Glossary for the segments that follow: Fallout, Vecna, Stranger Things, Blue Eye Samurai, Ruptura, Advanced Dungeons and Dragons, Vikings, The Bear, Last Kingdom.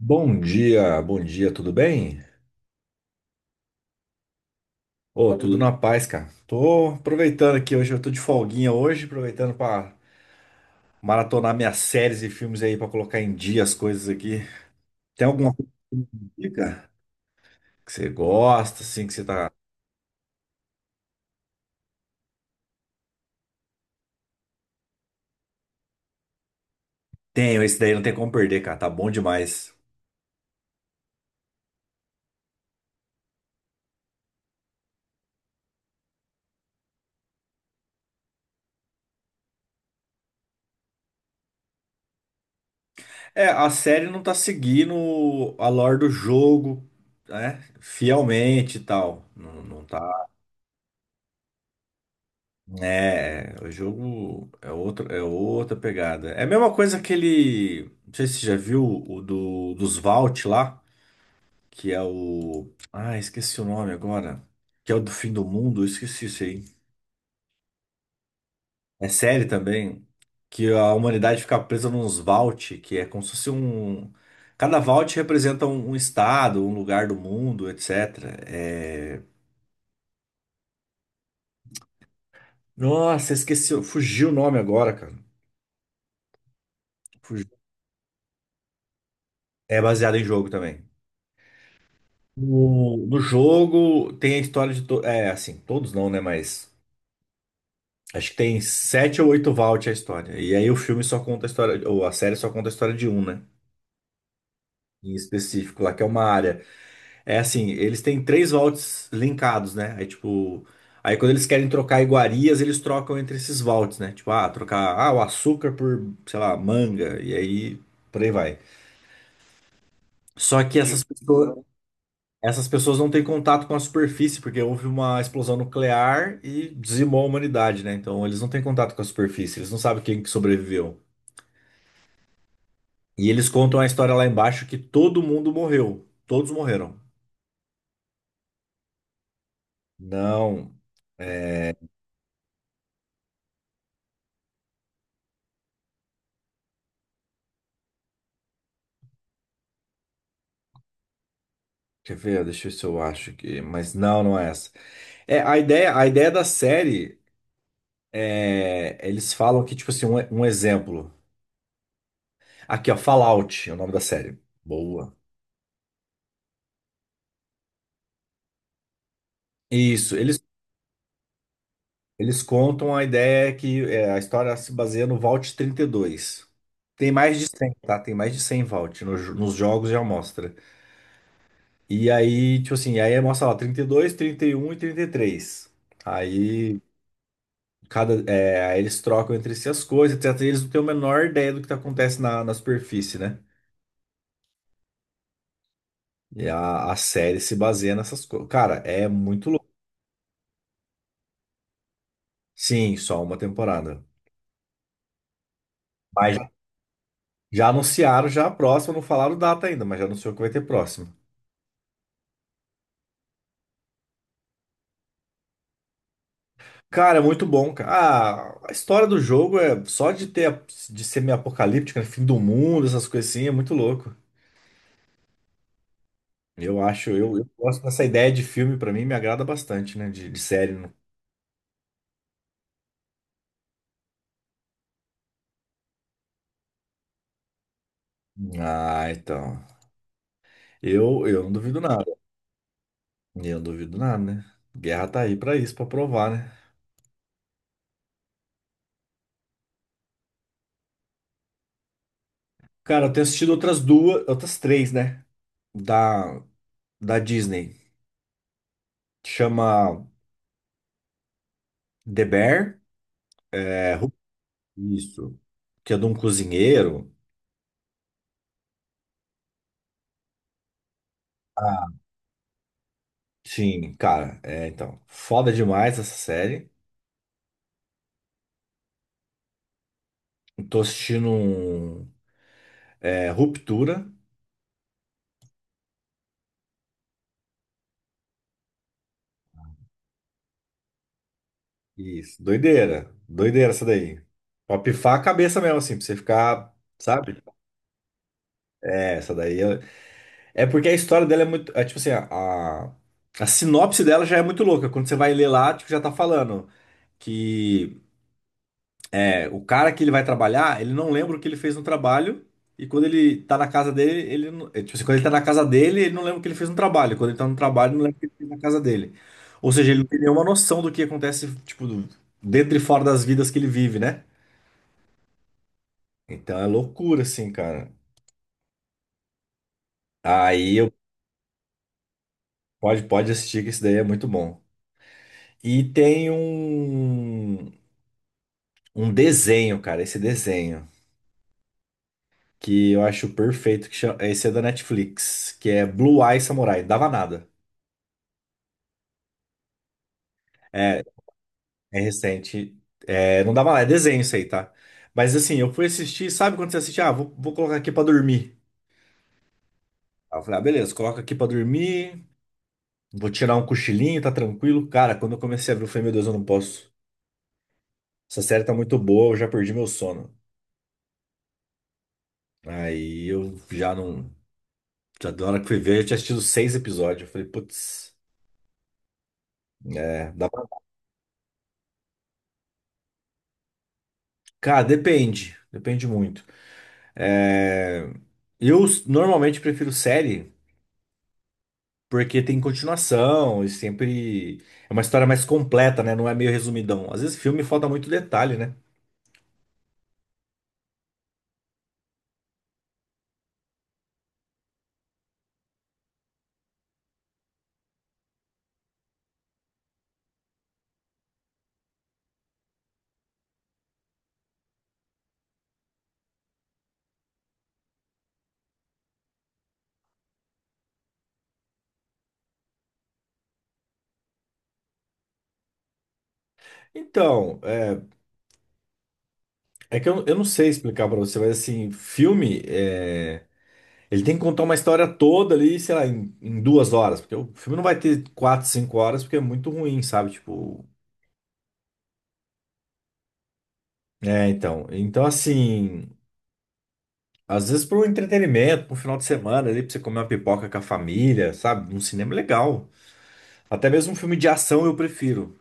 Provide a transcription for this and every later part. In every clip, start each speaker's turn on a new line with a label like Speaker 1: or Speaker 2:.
Speaker 1: Bom dia, tudo bem? Ô, tudo na paz, cara. Tô aproveitando aqui hoje, eu tô de folguinha hoje, aproveitando pra maratonar minhas séries e filmes aí pra colocar em dia as coisas aqui. Tem alguma coisa que você me indica? Que você gosta, assim, que você tá. Tenho, esse daí não tem como perder, cara, tá bom demais. É, a série não tá seguindo a lore do jogo, né? Fielmente e tal. Não, não tá. É, o jogo é outro, é outra pegada. É a mesma coisa que ele. Não sei se você já viu dos Vault lá, que é o. Ah, esqueci o nome agora. Que é o do fim do mundo, eu esqueci isso aí. É série também, que a humanidade fica presa nos Vault, que é como se fosse um. Cada Vault representa um estado, um lugar do mundo, etc. É. Nossa, esqueci, fugiu o nome agora, cara. Fugiu. É baseado em jogo também. No jogo tem a história de. To. É, assim, todos não, né? Mas acho que tem sete ou oito vault a história. E aí o filme só conta a história, ou a série só conta a história de um, né? Em específico, lá que é uma área. É assim, eles têm três vaults linkados, né? Aí tipo. Aí quando eles querem trocar iguarias, eles trocam entre esses vaults, né? Tipo, ah, trocar o açúcar por, sei lá, manga. E aí por aí vai. Só que essas, uhum, pessoas, essas pessoas não têm contato com a superfície, porque houve uma explosão nuclear e dizimou a humanidade, né? Então eles não têm contato com a superfície, eles não sabem quem que sobreviveu. E eles contam a história lá embaixo que todo mundo morreu. Todos morreram. Não. É, quer ver? Deixa eu ver se eu acho aqui. Mas não, não é essa. É, a ideia da série é, eles falam que, tipo assim, um exemplo. Aqui, ó, Fallout é o nome da série. Boa. Isso. Eles contam a ideia que é, a história se baseia no Vault 32. Tem mais de 100, tá? Tem mais de 100 Vault no jo- nos jogos já mostra. E aí, tipo assim, aí mostra lá 32, 31 e 33. Aí aí eles trocam entre si as coisas, etc. E eles não têm a menor ideia do que tá acontece na, na superfície, né? E a série se baseia nessas coisas. Cara, é muito louco. Sim, só uma temporada. Mas já já anunciaram já a próxima, não falaram data ainda, mas já anunciou que vai ter próxima. Cara, é muito bom, cara. Ah, a história do jogo é só de ter de ser meio apocalíptica, né? Fim do mundo, essas coisas assim, é muito louco. Eu acho, eu gosto dessa ideia de filme, pra mim me agrada bastante, né? De série. Né? Ah, então. Eu não duvido nada. Eu não duvido nada, né? Guerra tá aí pra isso, pra provar, né? Cara, eu tenho assistido outras duas, outras três, né? Da, da Disney. Chama The Bear. É, Ru- isso. Que é de um cozinheiro. Ah, sim, cara, é então. Foda demais essa série. Tô assistindo um, é, Ruptura. Isso, doideira. Doideira essa daí. Pra pifar a cabeça mesmo, assim, pra você ficar, sabe? É, essa daí. É, é porque a história dela é muito. É, tipo assim, a sinopse dela já é muito louca. Quando você vai ler lá, tipo, já tá falando que. É, o cara que ele vai trabalhar, ele não lembra o que ele fez no trabalho. E quando ele tá na casa dele, ele não, é, tipo assim, quando ele tá na casa dele, ele não lembra o que ele fez no trabalho. Quando ele tá no trabalho, ele não lembra o que ele fez na casa dele. Ou seja, ele não tem nenhuma noção do que acontece, tipo, dentro e fora das vidas que ele vive, né? Então é loucura, assim, cara. Aí eu pode assistir, que esse daí é muito bom. E tem um, um desenho, cara, esse desenho, que eu acho perfeito, que chama, esse é da Netflix, que é Blue Eye Samurai, dava nada. É, é recente. É, não dá mais, é desenho isso aí, tá? Mas assim, eu fui assistir, sabe quando você assiste? Ah, vou colocar aqui pra dormir. Aí eu falei, ah, beleza, coloca aqui pra dormir, vou tirar um cochilinho, tá tranquilo. Cara, quando eu comecei a ver, eu falei, meu Deus, eu não posso. Essa série tá muito boa, eu já perdi meu sono. Aí eu já não. Já da hora que fui ver, eu tinha assistido 6 episódios. Eu falei, putz, é, dá pra. Cara, depende, depende muito. É, normalmente prefiro série. Porque tem continuação e sempre é uma história mais completa, né? Não é meio resumidão. Às vezes filme falta muito detalhe, né? Então, é, é que eu não sei explicar pra você, mas assim, filme, é, ele tem que contar uma história toda ali, sei lá, em 2 horas. Porque o filme não vai ter quatro, cinco horas, porque é muito ruim, sabe? Tipo, é, então. Então, assim, às vezes para um entretenimento, para um final de semana ali, para você comer uma pipoca com a família, sabe? Um cinema é legal. Até mesmo um filme de ação eu prefiro.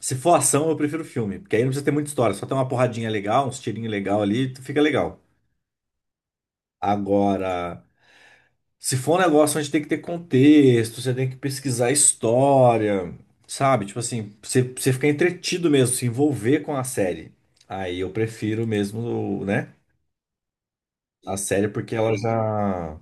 Speaker 1: Se for ação, eu prefiro filme, porque aí não precisa ter muita história, só tem uma porradinha legal, uns tirinhos legal ali, tu fica legal. Agora, se for um negócio onde tem que ter contexto, você tem que pesquisar a história, sabe? Tipo assim, você ficar entretido mesmo, se envolver com a série. Aí eu prefiro mesmo, né? A série, porque ela já.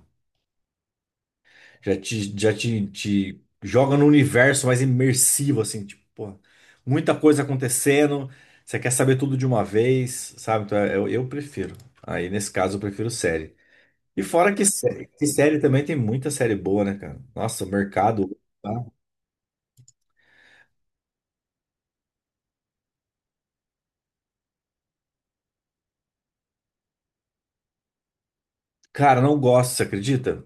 Speaker 1: Te joga no universo mais imersivo, assim, tipo, pô, muita coisa acontecendo, você quer saber tudo de uma vez, sabe? Então, eu prefiro. Aí, nesse caso, eu prefiro série. E fora que série também tem muita série boa, né, cara? Nossa, o mercado. Tá? Cara, não gosto, você acredita?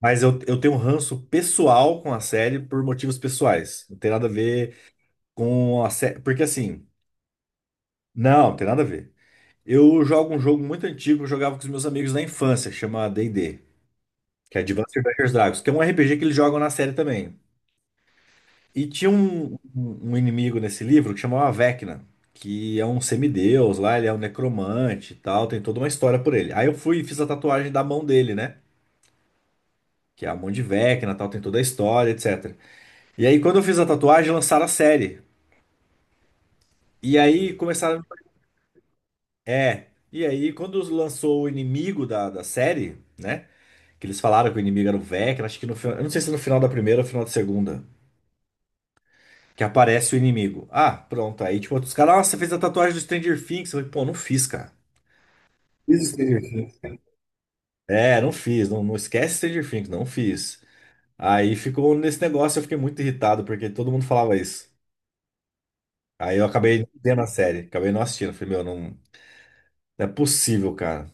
Speaker 1: Mas eu tenho um ranço pessoal com a série por motivos pessoais. Não tem nada a ver com a série. Porque assim, não, não tem nada a ver. Eu jogo um jogo muito antigo que eu jogava com os meus amigos na infância, que chama D&D, que é Advanced Dungeons and Dragons, que é um RPG que eles jogam na série também. E tinha um, um inimigo nesse livro que chamava Vecna, que é um semideus lá, ele é um necromante e tal, tem toda uma história por ele. Aí eu fui e fiz a tatuagem da mão dele, né? Que é a mão de Vecna, tal, tem toda a história, etc. E aí quando eu fiz a tatuagem, lançaram a série. E aí começaram. É. E aí quando lançou o inimigo da série, né? Que eles falaram que o inimigo era o Vecna, acho que no final. Eu não sei se é no final da primeira ou final da segunda. Que aparece o inimigo. Ah, pronto. Aí, tipo, os caras, nossa, você fez a tatuagem do Stranger Things. Eu falei, pô, não fiz, cara. Isso, Stranger. É, não fiz. Não, não esquece Stranger Things, não fiz. Aí ficou nesse negócio, eu fiquei muito irritado, porque todo mundo falava isso. Aí eu acabei vendo a série, acabei não assistindo. Falei, meu, não, não é possível, cara.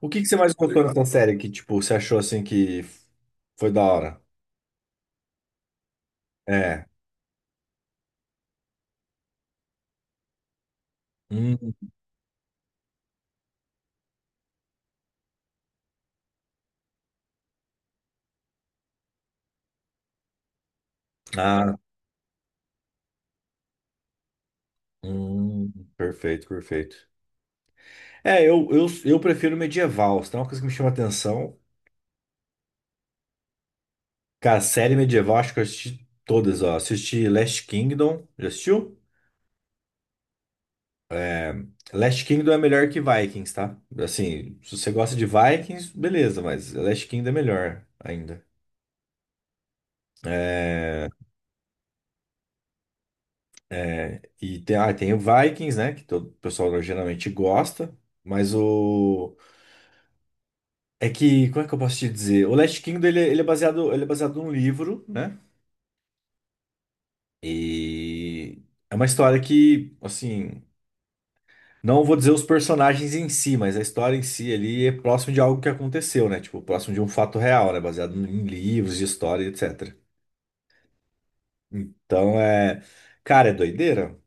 Speaker 1: O que que você mais gostou nessa série que, tipo, você achou assim que foi da hora? É. Hum, ah, hum, perfeito, perfeito. É, eu prefiro medieval. Se tem uma coisa que me chama atenção, cara, série medieval, acho que eu assisti todas, ó. Assisti Last Kingdom. Já assistiu? Last Kingdom é melhor que Vikings, tá? Assim, se você gosta de Vikings, beleza, mas Last Kingdom é melhor ainda. É, é, e tem, ah, tem o Vikings, né? Que todo o pessoal geralmente gosta. Mas o. É que. Como é que eu posso te dizer? O Last Kingdom ele, ele é baseado num livro, né? E. É uma história que, assim. Não vou dizer os personagens em si, mas a história em si ali é próximo de algo que aconteceu, né? Tipo, próximo de um fato real, né? Baseado em livros de história, etc. Então é. Cara, é doideira?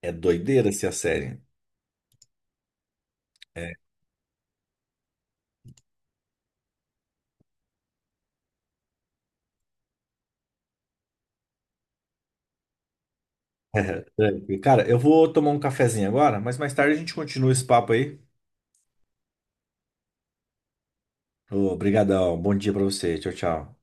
Speaker 1: É doideira essa a série. É. Cara, eu vou tomar um cafezinho agora, mas mais tarde a gente continua esse papo aí. Obrigadão, bom dia pra você. Tchau, tchau.